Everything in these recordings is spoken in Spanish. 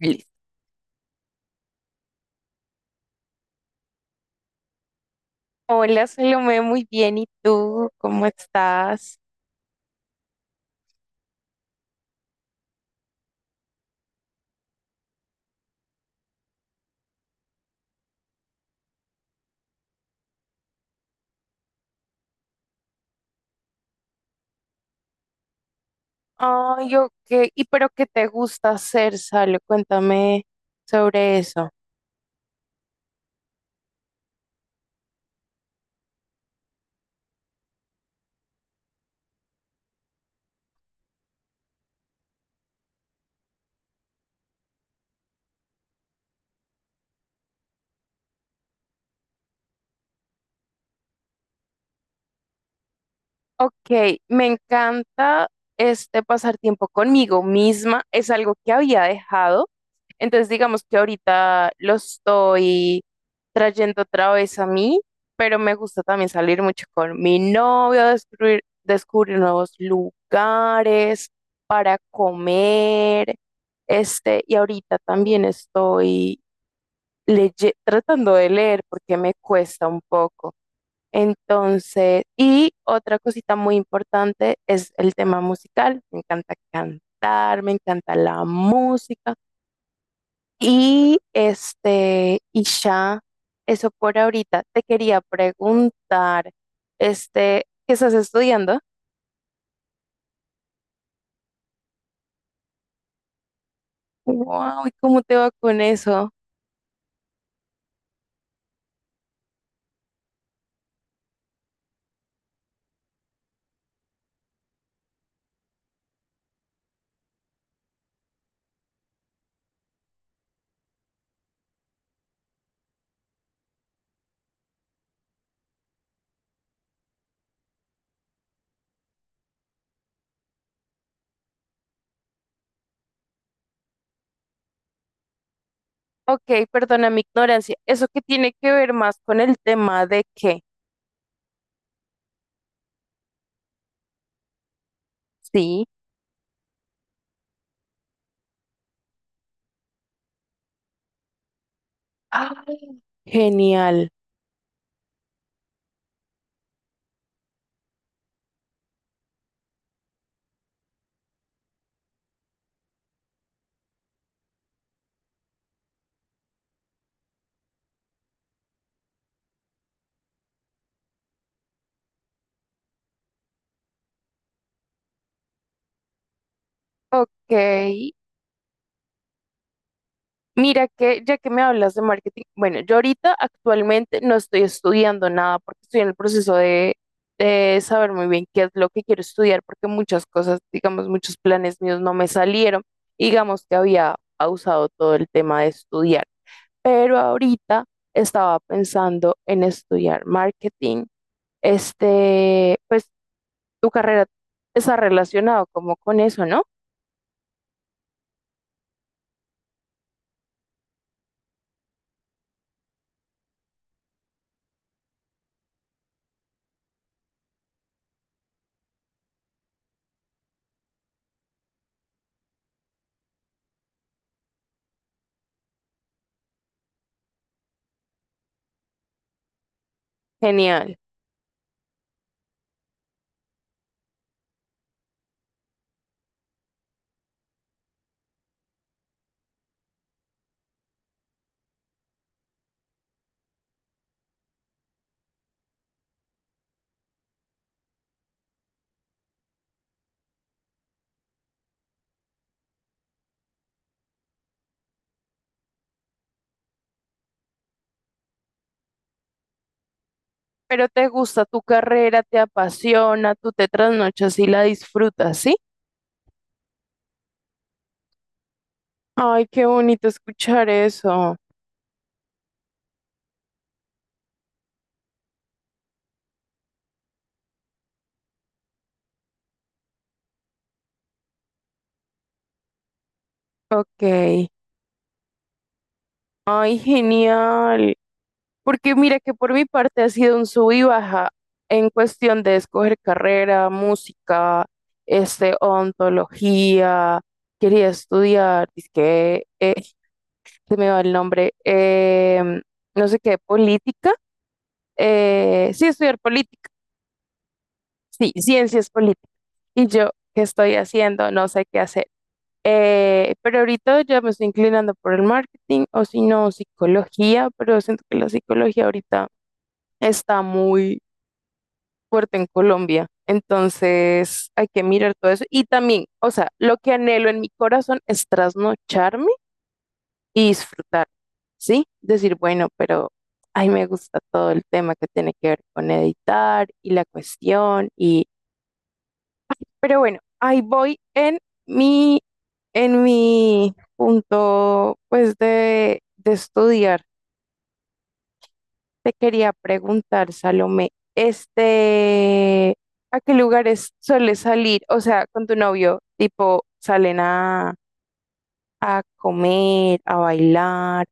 Listo. Hola, Salomé, muy bien. ¿Y tú? ¿Cómo estás? Ay, yo qué. ¿Y pero qué te gusta hacer, Salo? Cuéntame sobre eso. Ok, me encanta este pasar tiempo conmigo misma, es algo que había dejado, entonces digamos que ahorita lo estoy trayendo otra vez a mí, pero me gusta también salir mucho con mi novio, descubrir, descubrir nuevos lugares para comer, este, y ahorita también estoy tratando de leer porque me cuesta un poco. Entonces, y otra cosita muy importante es el tema musical. Me encanta cantar, me encanta la música. Y este, y ya, eso por ahorita. Te quería preguntar, este, ¿qué estás estudiando? Wow, ¿y cómo te va con eso? Ok, perdona mi ignorancia. ¿Eso qué tiene que ver más con el tema de qué? Sí. Ah, genial. Ok. Mira que ya que me hablas de marketing, bueno, yo ahorita actualmente no estoy estudiando nada porque estoy en el proceso de saber muy bien qué es lo que quiero estudiar porque muchas cosas, digamos, muchos planes míos no me salieron. Digamos que había pausado todo el tema de estudiar, pero ahorita estaba pensando en estudiar marketing. Este, pues tu carrera está relacionado como con eso, ¿no? Genial. Pero te gusta tu carrera, te apasiona, tú te trasnochas y la disfrutas, ¿sí? Ay, qué bonito escuchar eso. Ok. Ay, genial. Porque mira que por mi parte ha sido un sub y baja en cuestión de escoger carrera, música, este, ontología. Quería estudiar, es que se me va el nombre, no sé qué, política. Sí, estudiar política. Sí, ciencias políticas. Y yo, ¿qué estoy haciendo? No sé qué hacer. Pero ahorita ya me estoy inclinando por el marketing o si no, psicología, pero siento que la psicología ahorita está muy fuerte en Colombia. Entonces hay que mirar todo eso. Y también, o sea, lo que anhelo en mi corazón es trasnocharme y disfrutar, ¿sí? Decir, bueno, pero ay, me gusta todo el tema que tiene que ver con editar y la cuestión y pero bueno, ahí voy en mi, mi punto, pues, de estudiar. Te quería preguntar, Salomé, este, ¿a qué lugares sueles salir? O sea, con tu novio, tipo, salen a comer, a bailar.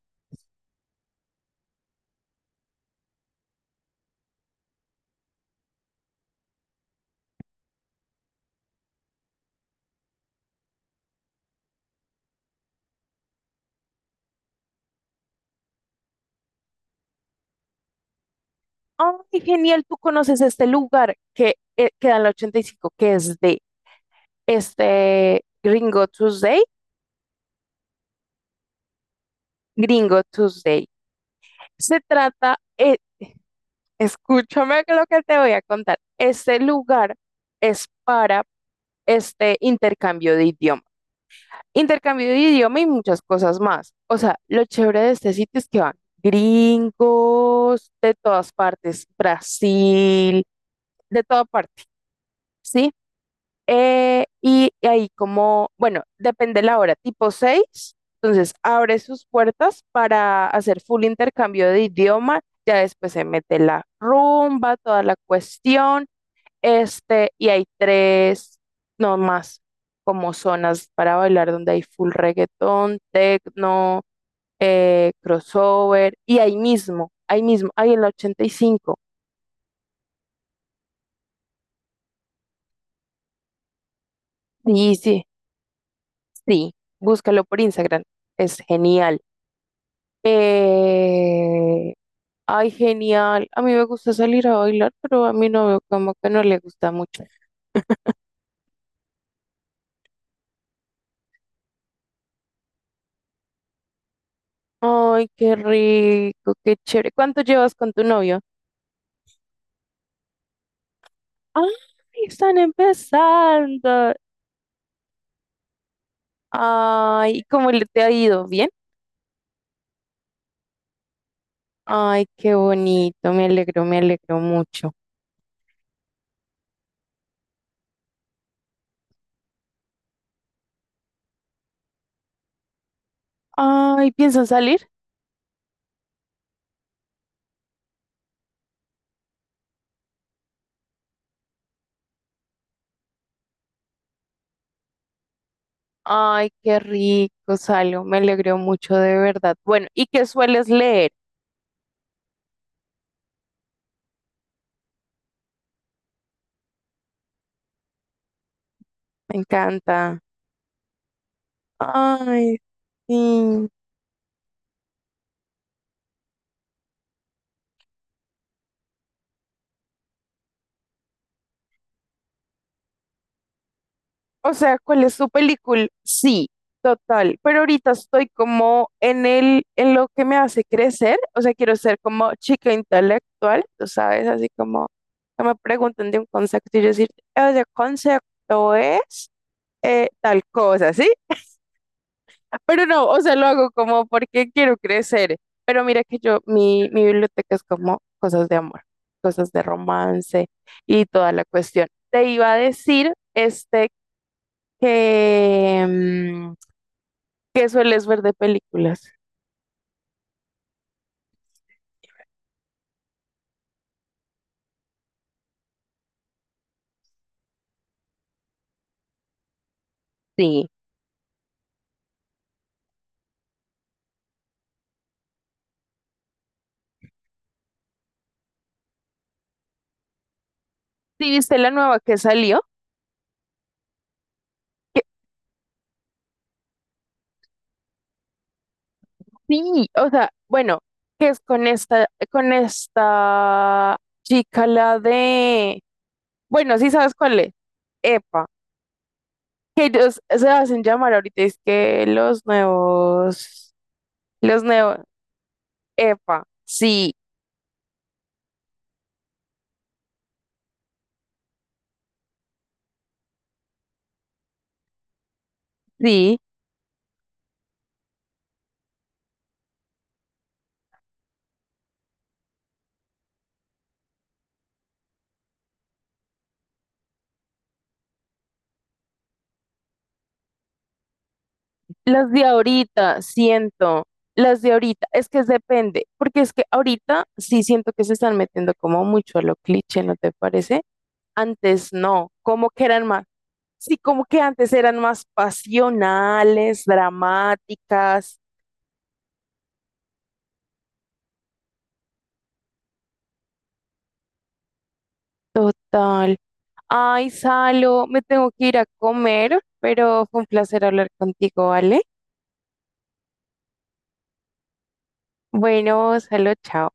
¡Ay, genial! Tú conoces este lugar que queda en la 85 que es de este Gringo Tuesday. Gringo Tuesday. Se trata. Escúchame lo que te voy a contar. Este lugar es para este intercambio de idioma. Intercambio de idioma y muchas cosas más. O sea, lo chévere de este sitio es que van gringos de todas partes, Brasil, de toda parte, ¿sí? Y ahí como, bueno, depende la hora, tipo 6, entonces abre sus puertas para hacer full intercambio de idioma, ya después se mete la rumba, toda la cuestión. Este, y hay tres, no más, como zonas para bailar donde hay full reggaetón, techno, crossover, y ahí mismo, ahí mismo, ahí en la 85. Sí, sí, sí, búscalo por Instagram, es genial. Eh, Ay, genial, a mí me gusta salir a bailar, pero a mi novio como que no le gusta mucho. Ay, qué rico, qué chévere. ¿Cuánto llevas con tu novio? Ay, están empezando. Ay, ¿cómo le te ha ido? ¿Bien? Ay, qué bonito, me alegro mucho. Ay, ¿piensan salir? Ay, qué rico, salgo, me alegro mucho de verdad. Bueno, ¿y qué sueles leer? Me encanta. Ay, sí. O sea, ¿cuál es tu película? Sí, total. Pero ahorita estoy como en lo que me hace crecer. O sea, quiero ser como chica intelectual, tú sabes, así como que me preguntan de un concepto y yo decir, ese concepto es tal cosa, ¿sí? Pero no, o sea, lo hago como porque quiero crecer. Pero mira que yo, mi biblioteca es como cosas de amor, cosas de romance y toda la cuestión. Te iba a decir, este, que, mm, que sueles ver de películas. Sí. ¿Sí viste la nueva que salió? Que- sí, o sea, bueno, que es con esta, chica, la de, bueno, sí sabes cuál es. Epa, que ellos se hacen llamar ahorita, es que los nuevos, los nuevos, Epa, sí, sí. Las de ahorita, siento, las de ahorita, es que depende, porque es que ahorita sí siento que se están metiendo como mucho a lo cliché, ¿no te parece? Antes no, como que eran más, sí, como que antes eran más pasionales, dramáticas, total. Ay, Salo, me tengo que ir a comer, pero fue un placer hablar contigo, ¿vale? Bueno, Salo, chao.